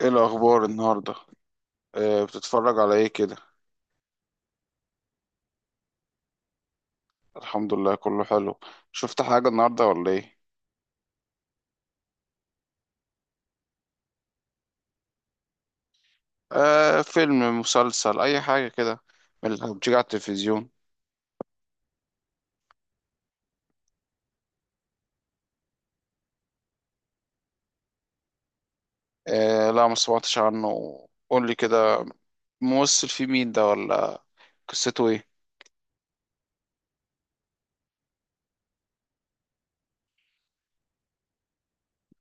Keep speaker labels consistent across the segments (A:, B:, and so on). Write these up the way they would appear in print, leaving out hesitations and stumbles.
A: ايه الاخبار النهارده؟ آه، بتتفرج على ايه كده؟ الحمد لله، كله حلو. شفت حاجه النهارده ولا ايه؟ آه، فيلم، مسلسل، اي حاجه كده، من اللي بتيجي على التلفزيون. آه لا، ما سمعتش عنه. قول لي كده، ممثل فيه مين ده، ولا قصته ايه؟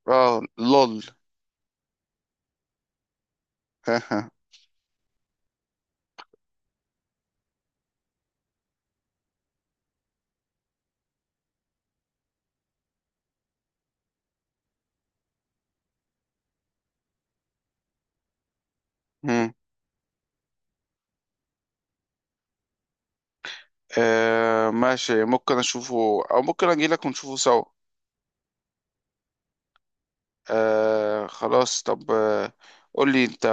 A: اه لول. مم. آه ماشي، ممكن اشوفه، او ممكن اجي لك ونشوفه سوا. آه خلاص، طب قول لي انت.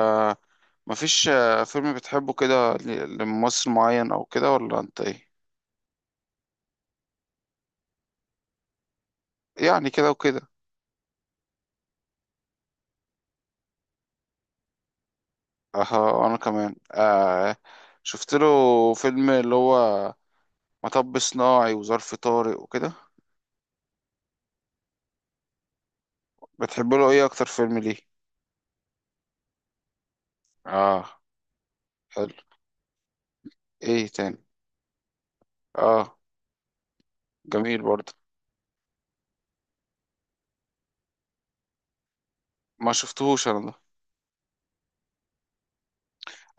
A: مفيش فيلم بتحبه كده لممثل معين او كده، ولا انت ايه؟ يعني كده وكده. اه، انا كمان. شفت له فيلم اللي هو مطب صناعي وظرف طارق وكده. بتحب له ايه اكتر فيلم؟ ليه؟ اه. حلو. ايه تاني؟ اه، جميل برضه. ما شفتهوش انا ده.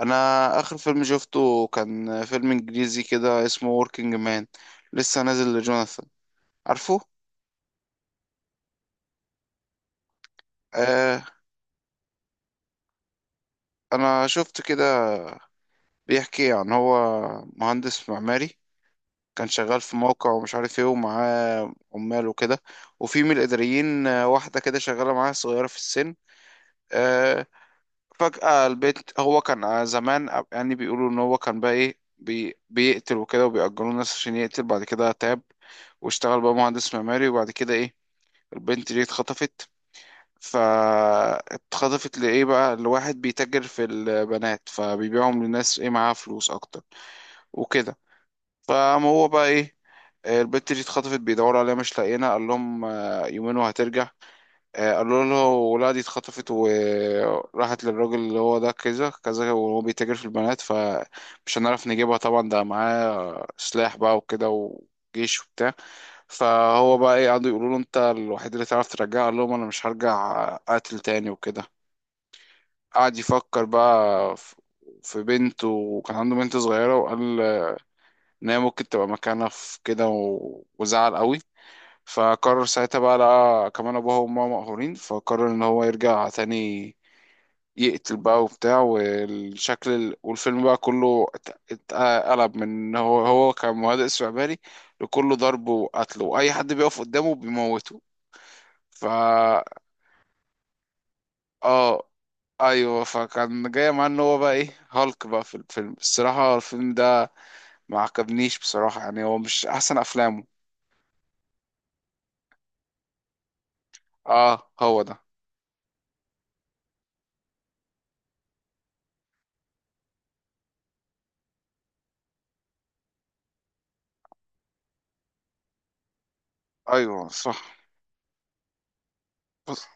A: انا اخر فيلم شفته كان فيلم انجليزي كده اسمه Working Man، لسه نازل لجوناثان، عارفه؟ آه، انا شفت كده. بيحكي عن هو مهندس معماري، كان شغال في موقع ومش عارف ايه، ومعاه عمال وكده، وفي من الإداريين، واحدة كده شغالة معاه، صغيرة في السن. آه، فجأة البيت، هو كان، زمان، يعني بيقولوا ان هو كان بقى ايه، بيقتل وكده، وبيأجروا الناس عشان يقتل. بعد كده تاب واشتغل بقى مهندس معماري. وبعد كده ايه، البنت دي اتخطفت. فاتخطفت لإيه بقى؟ لواحد بيتاجر في البنات، فبيبيعهم للناس ايه، معاها فلوس أكتر وكده. فقام هو بقى ايه، البت دي اتخطفت، بيدوروا عليها مش لاقيينها. قال لهم يومين وهترجع. قالوا له لا، دي اتخطفت وراحت للراجل اللي هو ده، كذا كذا، وهو بيتاجر في البنات، فمش هنعرف نجيبها، طبعا ده معاه سلاح بقى وكده، وجيش وبتاع. فهو بقى ايه، قعدوا يقولوا له انت الوحيد اللي تعرف ترجعها. قال لهم انا مش هرجع قاتل تاني وكده. قعد يفكر بقى في بنته، وكان عنده بنت صغيرة، وقال ان هي ممكن تبقى مكانها في كده وزعل قوي. فقرر ساعتها بقى، لقى كمان ابوها وامها مقهورين، فقرر ان هو يرجع تاني يقتل بقى وبتاع. والشكل والفيلم بقى كله اتقلب، من ان هو كان مهدئ استعباري لكله ضرب وقتل، واي حد بيقف قدامه بيموته. فا اه ايوه، فكان جاي معاه ان هو بقى ايه، هالك بقى في الفيلم. الصراحه الفيلم ده ما عجبنيش بصراحه، يعني هو مش احسن افلامه. اه هو ده. ايوه صح. بص.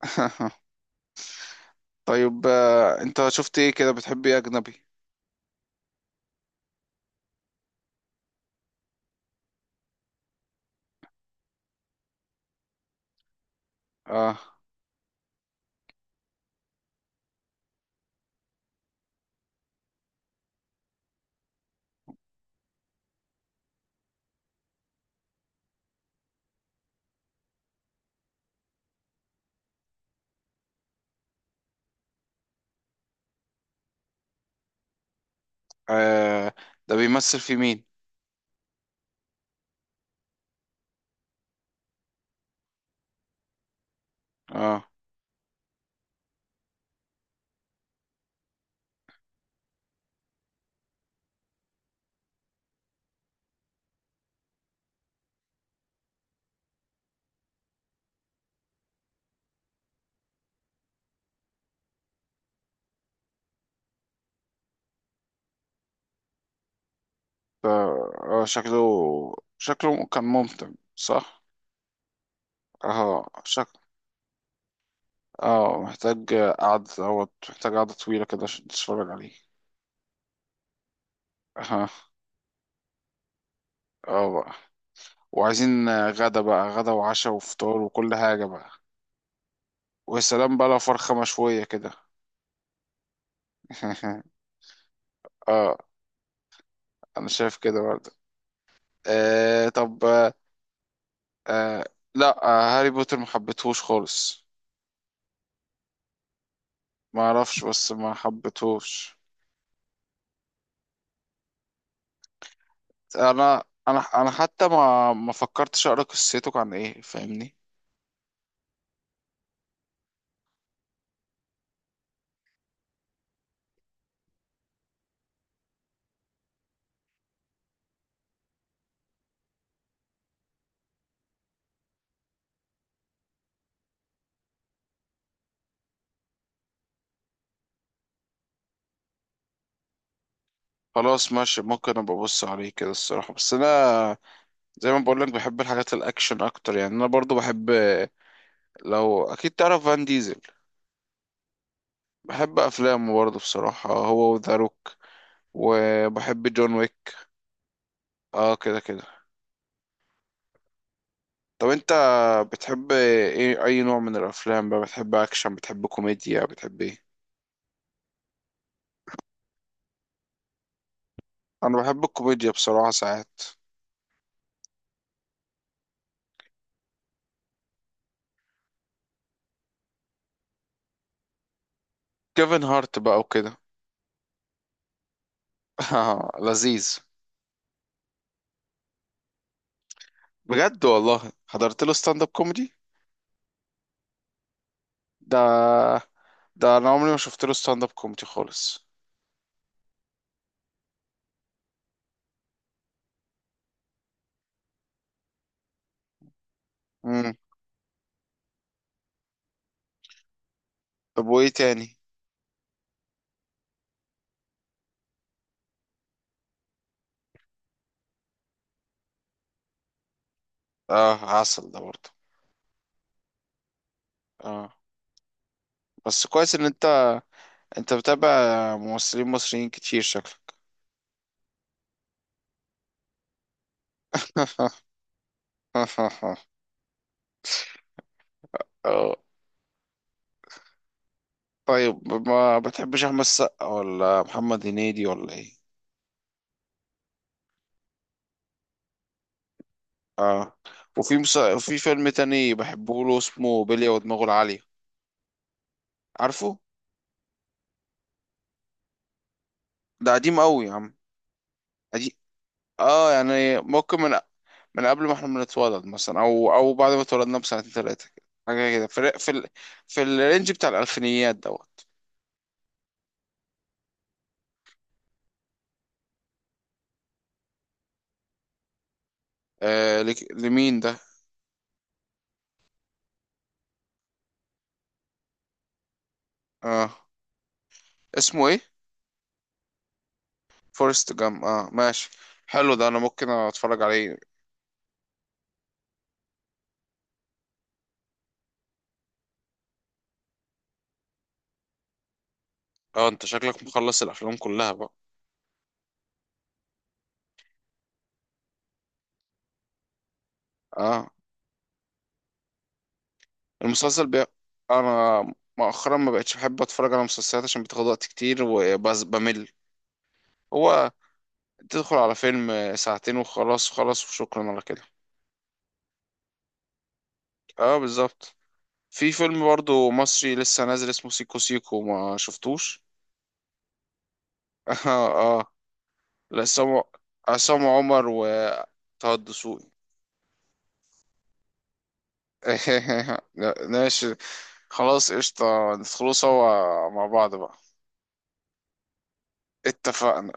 A: طيب، انت شفت ايه كده؟ بتحب ايه اجنبي؟ اه. آه، ده بيمثل في مين؟ اه ده. آه، شكله كان ممتع، صح؟ اه، شكل. اه محتاج قعدة دوت، محتاج قعدة طويلة كده عشان تتفرج عليه. اه. اه بقى، وعايزين غدا بقى، غدا وعشاء وفطار وكل حاجة بقى. ويا سلام بقى لو فرخة مشوية كده. اه، انا شايف كده برضه. آه طب. آه لا، آه هاري بوتر ما حبيتهوش خالص. ما اعرفش، بس ما حبيتهوش. انا حتى ما فكرتش اقرا قصته عن ايه، فاهمني؟ خلاص ماشي، ممكن ابقى ابص عليه كده الصراحه. بس انا، زي ما بقول لك، بحب الحاجات الاكشن اكتر. يعني انا برضو بحب، لو اكيد تعرف، فان ديزل، بحب افلامه برضو بصراحه، هو وذا روك، وبحب جون ويك. اه كده كده. طب انت بتحب ايه؟ اي نوع من الافلام بقى، بتحب اكشن، بتحب كوميديا، بتحب ايه؟ انا بحب الكوميديا بصراحة ساعات. كيفن هارت بقى وكده. لذيذ. بجد والله حضرت له ستاند اب كوميدي. ده انا عمري ما شفت له ستاند اب كوميدي خالص. امم. طب وايه تاني؟ اه عسل ده برضه. اه، بس كويس ان انت بتابع ممثلين مصريين كتير شكلك. اه. طيب ما بتحبش احمد السقا ولا محمد هنيدي ولا ايه؟ اه، وفي في فيلم تاني بحبه له، اسمه بلية ودماغه العالية، عارفه؟ ده قديم قوي يا عم. قديم، اه، يعني ممكن من من قبل ما احنا بنتولد مثلا، او او بعد ما اتولدنا بسنتين ثلاثة كده، حاجة كده في في الرينج بتاع الألفينيات دوت. آه لمين ده؟ اه، اسمه ايه؟ فورست جام، اه ماشي، حلو، ده انا ممكن اتفرج عليه. اه انت شكلك مخلص الافلام كلها بقى. اه، المسلسل بي. انا مؤخرا ما بقتش بحب اتفرج على مسلسلات، عشان بتاخد وقت كتير وبس بمل. هو تدخل على فيلم ساعتين وخلاص، وخلاص وشكرا على كده. اه بالظبط. في فيلم برضو مصري لسه نازل اسمه سيكو سيكو، ما شفتوش؟ اه. اه، لعصام، عصام عمر، وطه الدسوقي. لا، ماشي، خلاص قشطة، ندخلوا سوا مع بعض بقى. اتفقنا.